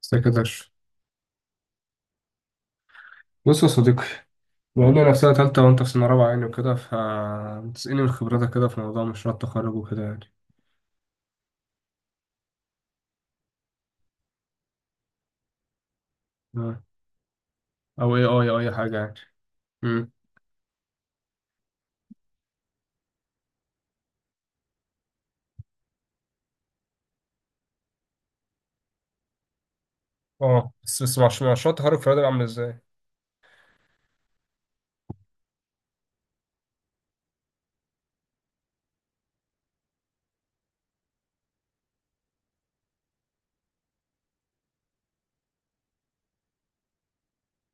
سكرتير. بص يا صديقي، بقول لي نفسنا تالتة وأنت في سنة رابعة يعني وكده، فتسألني من خبرتك كده في موضوع مشروع التخرج وكده يعني. آه. أو أي أو أي حاجة يعني. مم. اه، بس مشروع التخرج في الرياضة عامل إزاي؟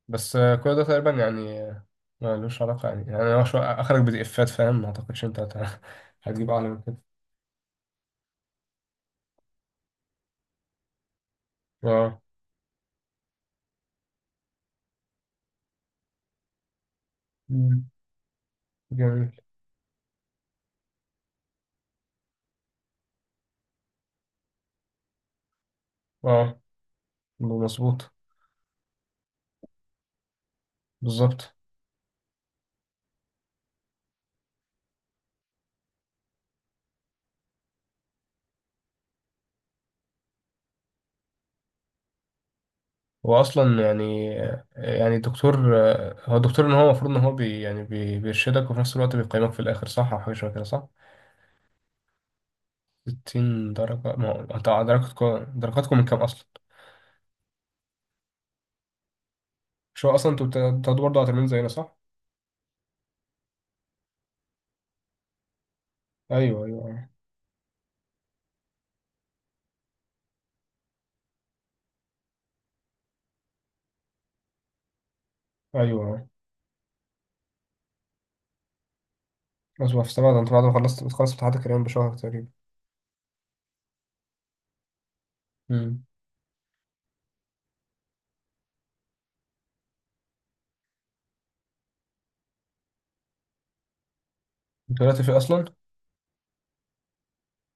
بس كل ده تقريبا يعني، ملوش علاقة يعني، يعني أنا أخرج بدي إفات فاهم، ما أعتقدش أنت هتجيب أعلى من كده. اه. مم. جميل. اه، مظبوط. بالظبط. هو اصلا يعني، يعني الدكتور، هو الدكتور ان هو المفروض ان هو بي بيرشدك وفي نفس الوقت بيقيمك في الاخر، صح؟ او حاجه شبه كده صح. 60 درجه؟ ما هو انت درجاتكم من كام اصلا؟ مش هو اصلا انتوا بتاخدوا برضه على ترمين زينا صح؟ ايوه، ايوه، ايوه، اصبر، في سبعة ده انت بعد ما خلصت بتخلص امتحانات الكريم بشهر تقريبا. امم. انت دلوقتي في اصلا؟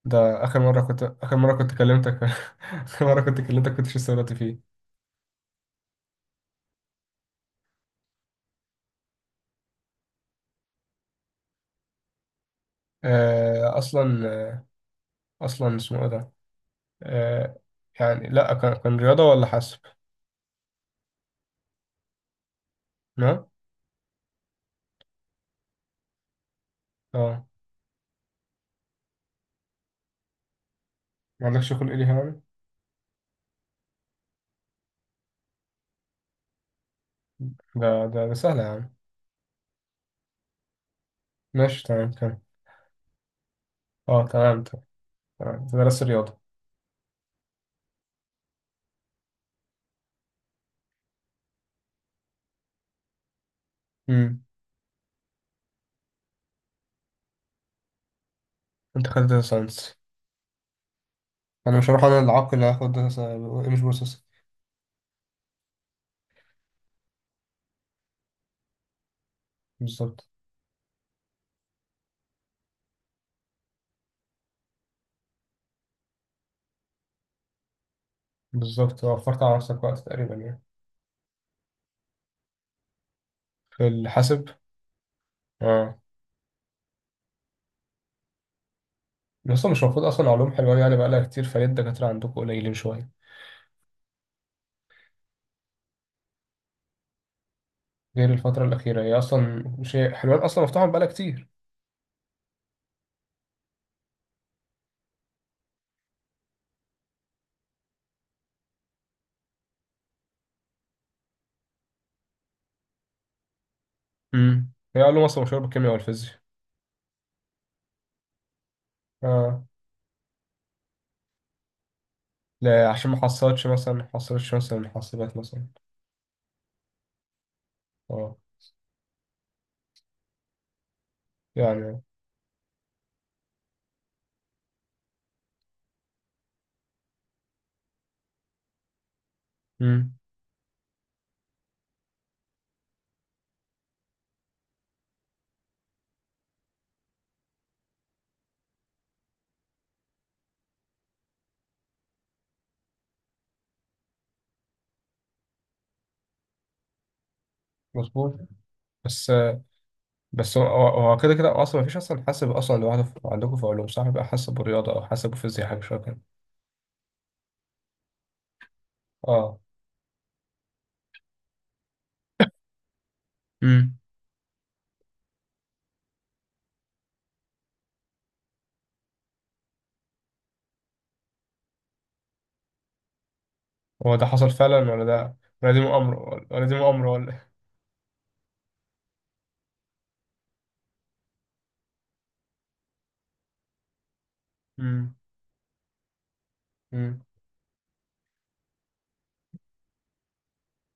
ده اخر مره كنت، اخر مره كلمتك. اخر مره كنت كلمتك كنتش لسه دلوقتي فيه. اصلا، اصلا اسمه ايه ده؟ آه. يعني لا، كان رياضة ولا حاسب؟ نعم. اه، ما عندكش شغل إليها يعني. ده سهلة يعني. ماشي، تمام، تمام. اه، تمام، تمام. تمام. أنت درست رياضة. امم. انت خدت داتا ساينس. انا مش هروح، انا العاق اللي هاخد داتا. ايمج بروسيس. بالظبط. بالظبط، وفرت على نفسك وقت تقريبا يعني. في الحاسب. اه. بس مش المفروض اصلا علوم حلوان يعني بقالها كتير، فليه الدكاترة عندكم قليلين شوية؟ غير الفترة الأخيرة، هي أصلا مش هي- حلوان أصلا مفتوحة بقالها كتير. امم، هي علوم أصلا مشهورة بالكيمياء والفيزياء. اه. لا، عشان ما حصلتش مثلا، ما حصلتش مثلا الحاسبات مثلا. اه. يعني. امم. مظبوط. بس، بس هو كده كده اصلا ما فيش اصلا حاسب اصلا لوحده عندكم في علوم صح؟ بيبقى حاسب ورياضه او حاسب وفيزياء حاجه شبه كده. اه. امم. هو ده حصل فعلا ولا ده، ولا دي مؤامره؟ ولا. امم. امم.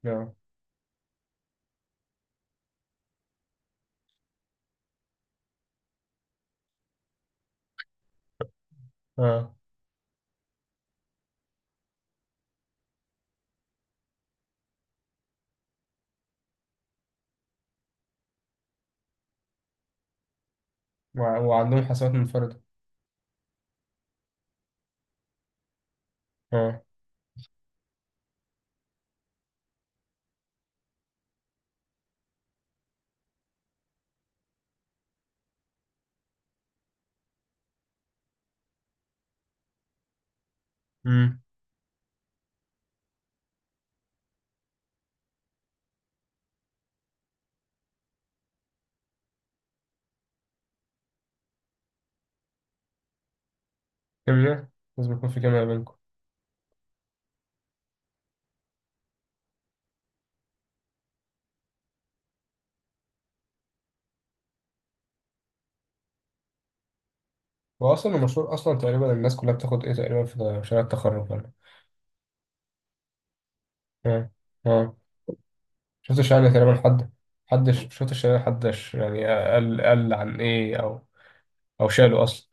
نعم. اه. وعندهم حاسبات منفرده؟ اه. امم. كيمياء، لازم يكون في كيمياء بينكم. واصلا المشروع اصلا تقريبا الناس كلها بتاخد ايه تقريبا في مشاريع التخرج ولا؟ اه. اه، شفت الشعر تقريبا حد، حدش شفت الشعر؟ حدش يعني قال عن ايه او او شاله اصلا؟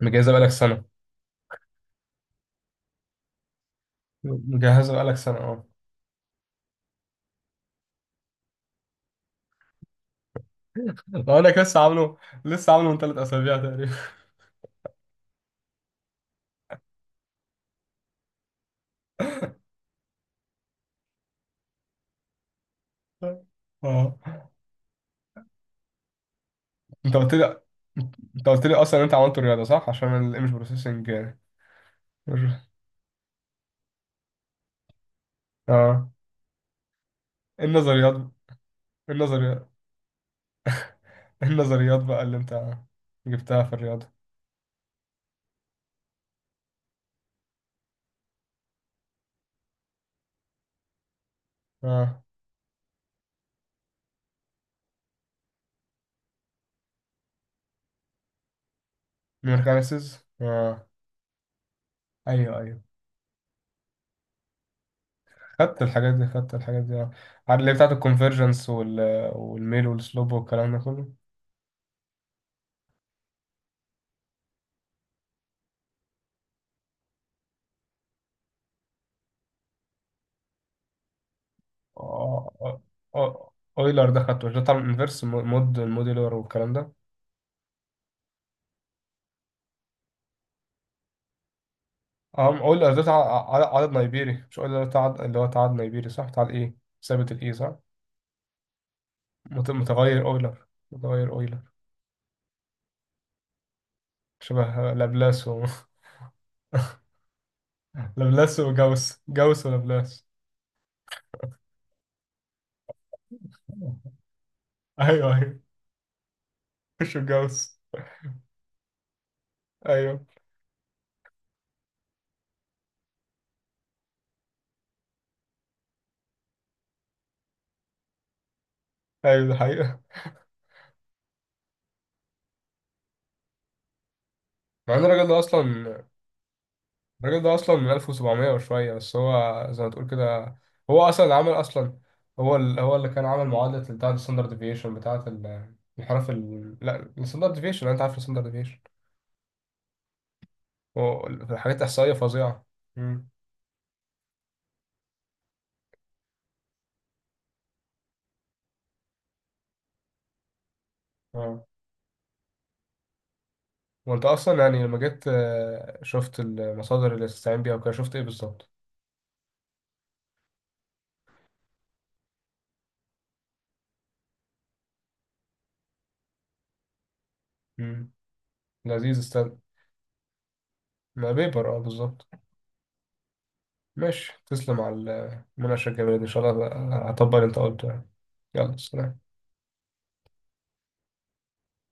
مجهزه بقالك سنه. مجهزه بقالك سنه، اه. اقول لك لسه عامله، لسه عامله من ثلاث اسابيع تقريبا. اه، انت قلت لي، انت قلت لي اصلا انت عملت رياضه صح عشان الايمج بروسيسنج. اه. ايه النظريات؟ ايه النظريات؟ ايه النظريات بقى اللي انت جبتها في الرياضه؟ اه، من خامسز. اه، ايوه ايوه. خدت الحاجات دي، آه. عارف اللي هي بتاعت الكونفرجنس وال... والميل والسلوب والكلام ده كله. آه، آه، آه. اويلر ده خدته، مش ده بتاع الانفرس مود الموديلر والكلام ده؟ اه، اويلر ده بتاع عدد نيبيري، مش اويلر بتاع اللي هو بتاع عدد نيبيري صح، بتاع الايه، ثابت الايه صح؟ متغير اويلر، متغير اويلر. شبه لابلاس و... لابلاس وجاوس، جاوس ولابلاس. ايوه ايوه. مش جاوس. ايوه ايوه، ده حقيقة. مع ان الراجل ده اصلا، الراجل ده اصلا من 1700 وشويه، بس هو زي ما تقول كده هو اصلا اللي عمل اصلا، هو ال... هو اللي كان عامل معادله بتاعه الستاندرد ديفيشن بتاعه الانحراف ال... لا، الستاندرد ديفيشن، انت عارف الستاندرد ديفيشن، حاجات احصائيه فظيعه. امم. اه، وانت اصلا يعني لما جيت شفت المصادر اللي تستعين بيها وكده، شفت ايه بالظبط؟ امم. لذيذ، استنى. ما بيبر، اه، بالظبط. ماشي، تسلم على المناقشه الجميله دي ان شاء الله. هطبق اللي انت قلته يعني. يلا، سلام.